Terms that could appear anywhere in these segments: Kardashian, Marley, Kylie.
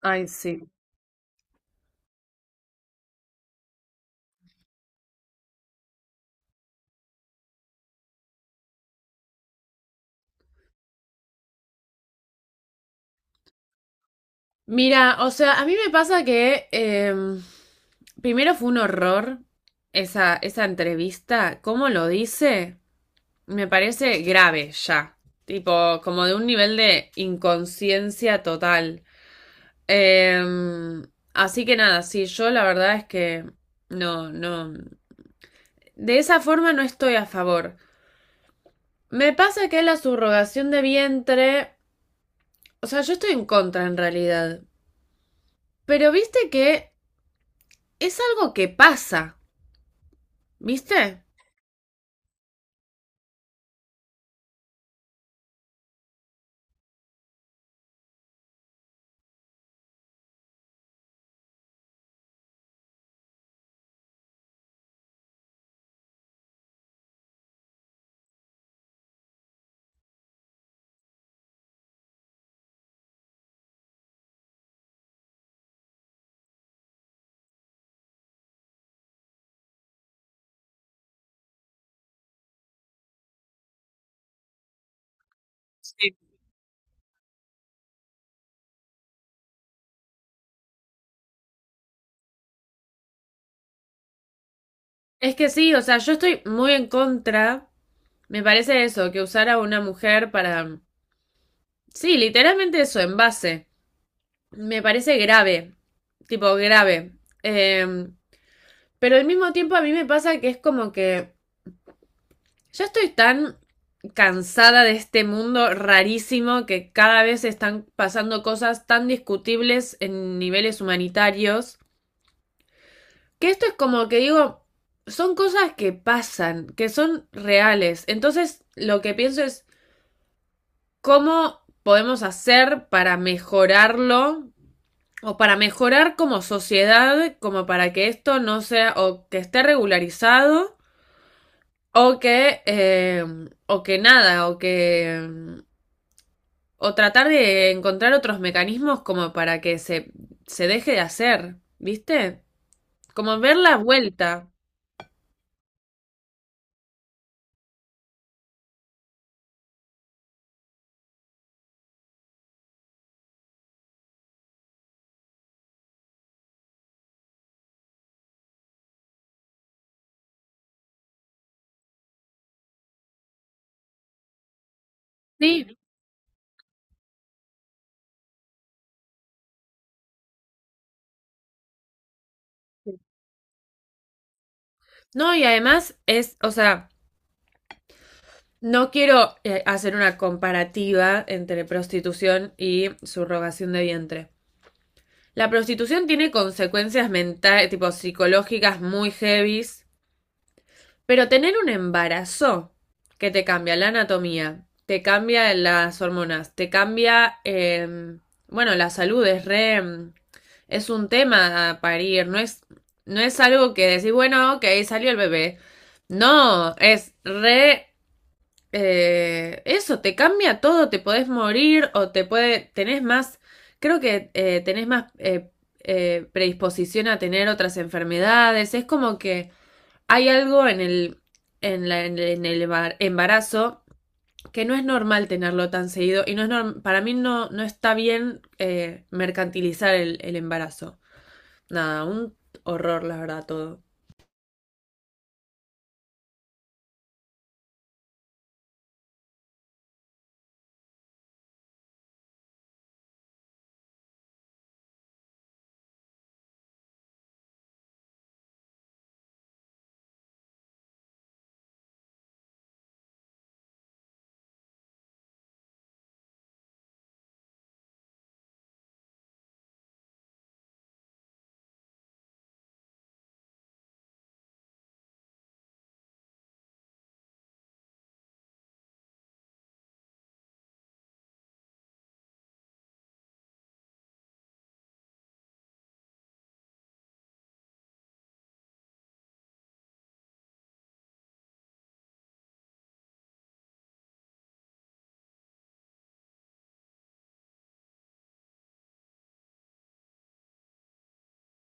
Ay, sí. Mira, o sea, a mí me pasa que primero fue un horror esa entrevista. ¿Cómo lo dice? Me parece grave ya. Tipo, como de un nivel de inconsciencia total. Em, así que nada, sí, yo la verdad es que no. De esa forma no estoy a favor. Me pasa que la subrogación de vientre. O sea, yo estoy en contra en realidad. Pero viste que. Es algo que pasa, ¿viste? Sí. Es que sí, o sea, yo estoy muy en contra, me parece eso, que usar a una mujer para... Sí, literalmente eso, en base. Me parece grave, tipo grave. Eh, pero al mismo tiempo a mí me pasa que es como que ya estoy tan cansada de este mundo rarísimo que cada vez están pasando cosas tan discutibles en niveles humanitarios. Que esto es como que digo, son cosas que pasan, que son reales. Entonces, lo que pienso es cómo podemos hacer para mejorarlo o para mejorar como sociedad, como para que esto no sea o que esté regularizado o que eh, o que nada o que o tratar de encontrar otros mecanismos como para que se deje de hacer, ¿viste? Como ver la vuelta. Sí. No, y además es, o sea, no quiero hacer una comparativa entre prostitución y subrogación de vientre. La prostitución tiene consecuencias mentales, tipo psicológicas muy heavies, pero tener un embarazo que te cambia la anatomía, te cambia las hormonas, te cambia, bueno, la salud es re, es un tema a parir, no es, no es algo que decís, bueno, ok, salió el bebé. No, es re eso, te cambia todo, te podés morir o te puede, tenés más, creo que tenés más predisposición a tener otras enfermedades, es como que hay algo en el embarazo que no es normal tenerlo tan seguido y no es para mí no, no está bien mercantilizar el embarazo. Nada, un horror, la verdad, todo.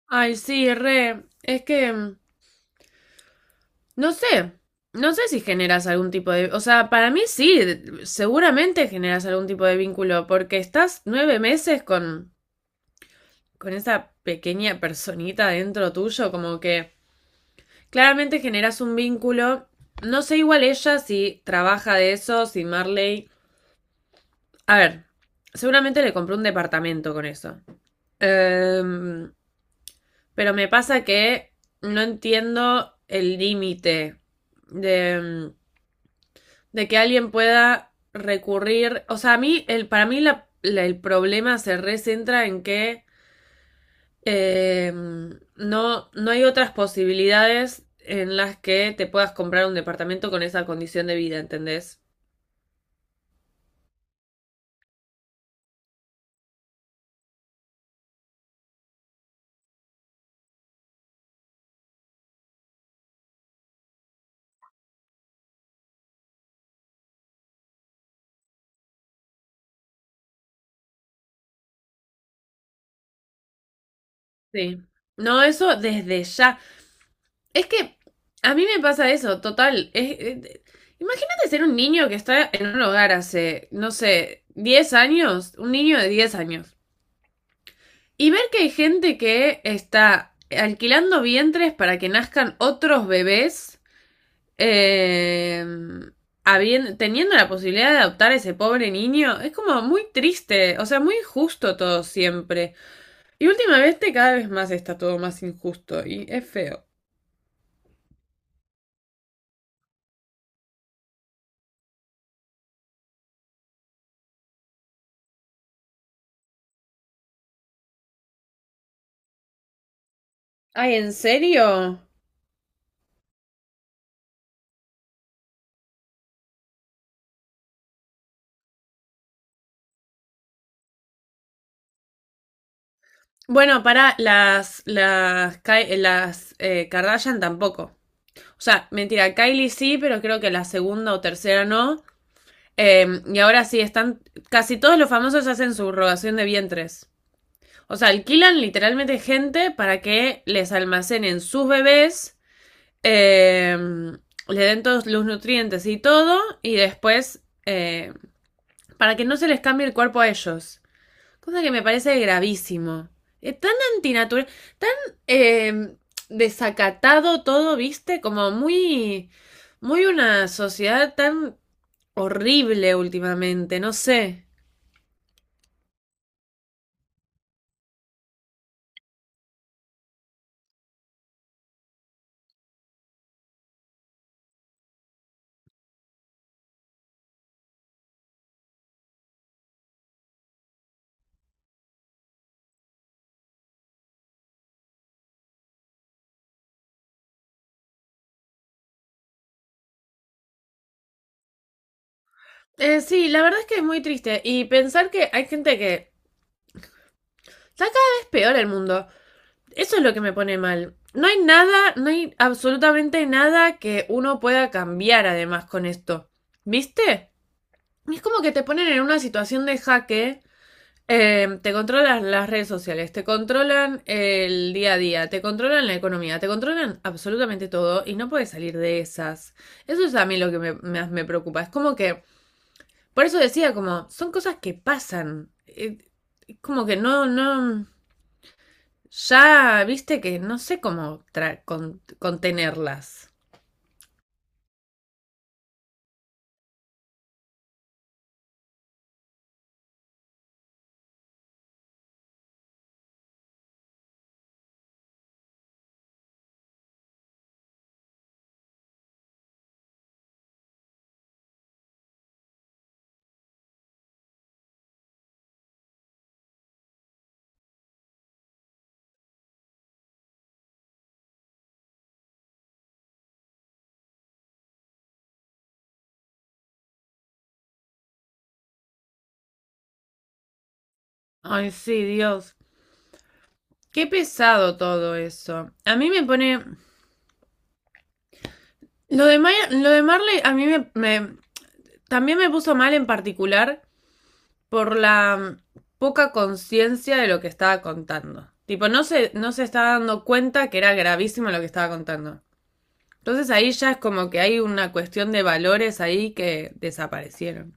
Ay, sí, re, es que... no sé, no sé si generas algún tipo de... O sea, para mí sí, seguramente generas algún tipo de vínculo, porque estás 9 meses con esa pequeña personita dentro tuyo, como que claramente generas un vínculo. No sé igual ella si trabaja de eso, si Marley... A ver, seguramente le compró un departamento con eso. Em, pero me pasa que no entiendo el límite de... de que alguien pueda recurrir. O sea, a mí, para mí el problema se recentra en que eh, no, no hay otras posibilidades en las que te puedas comprar un departamento con esa condición de vida, ¿entendés? Sí. No, eso desde ya. Es que a mí me pasa eso, total. Imagínate ser un niño que está en un hogar hace, no sé, 10 años, un niño de 10 años. Y ver que hay gente que está alquilando vientres para que nazcan otros bebés, eh, teniendo la posibilidad de adoptar a ese pobre niño, es como muy triste, o sea, muy injusto todo siempre. Y últimamente cada vez más está todo más injusto y es feo. Ay, ¿en serio? Bueno, para las Kardashian tampoco. O sea, mentira, Kylie sí, pero creo que la segunda o tercera no. Y ahora sí, están. Casi todos los famosos hacen su rogación de vientres. O sea, alquilan literalmente gente para que les almacenen sus bebés, eh, le den todos los nutrientes y todo, y después para que no se les cambie el cuerpo a ellos. Cosa que me parece gravísimo. Es tan antinatural, tan eh, desacatado todo, viste, como muy una sociedad tan horrible últimamente, no sé. Sí, la verdad es que es muy triste. Y pensar que hay gente que está cada vez peor el mundo. Eso es lo que me pone mal. No hay nada, no hay absolutamente nada que uno pueda cambiar además con esto. ¿Viste? Es como que te ponen en una situación de jaque. Te controlan las redes sociales, te controlan el día a día, te controlan la economía, te controlan absolutamente todo y no puedes salir de esas. Eso es a mí lo que me, más me preocupa. Es como que por eso decía, como, son cosas que pasan. Como que no. Ya viste que no sé cómo contenerlas. Ay, sí, Dios. Qué pesado todo eso. A mí me pone. Lo de Marley, a mí también me puso mal en particular por la poca conciencia de lo que estaba contando. Tipo, no se estaba dando cuenta que era gravísimo lo que estaba contando. Entonces ahí ya es como que hay una cuestión de valores ahí que desaparecieron.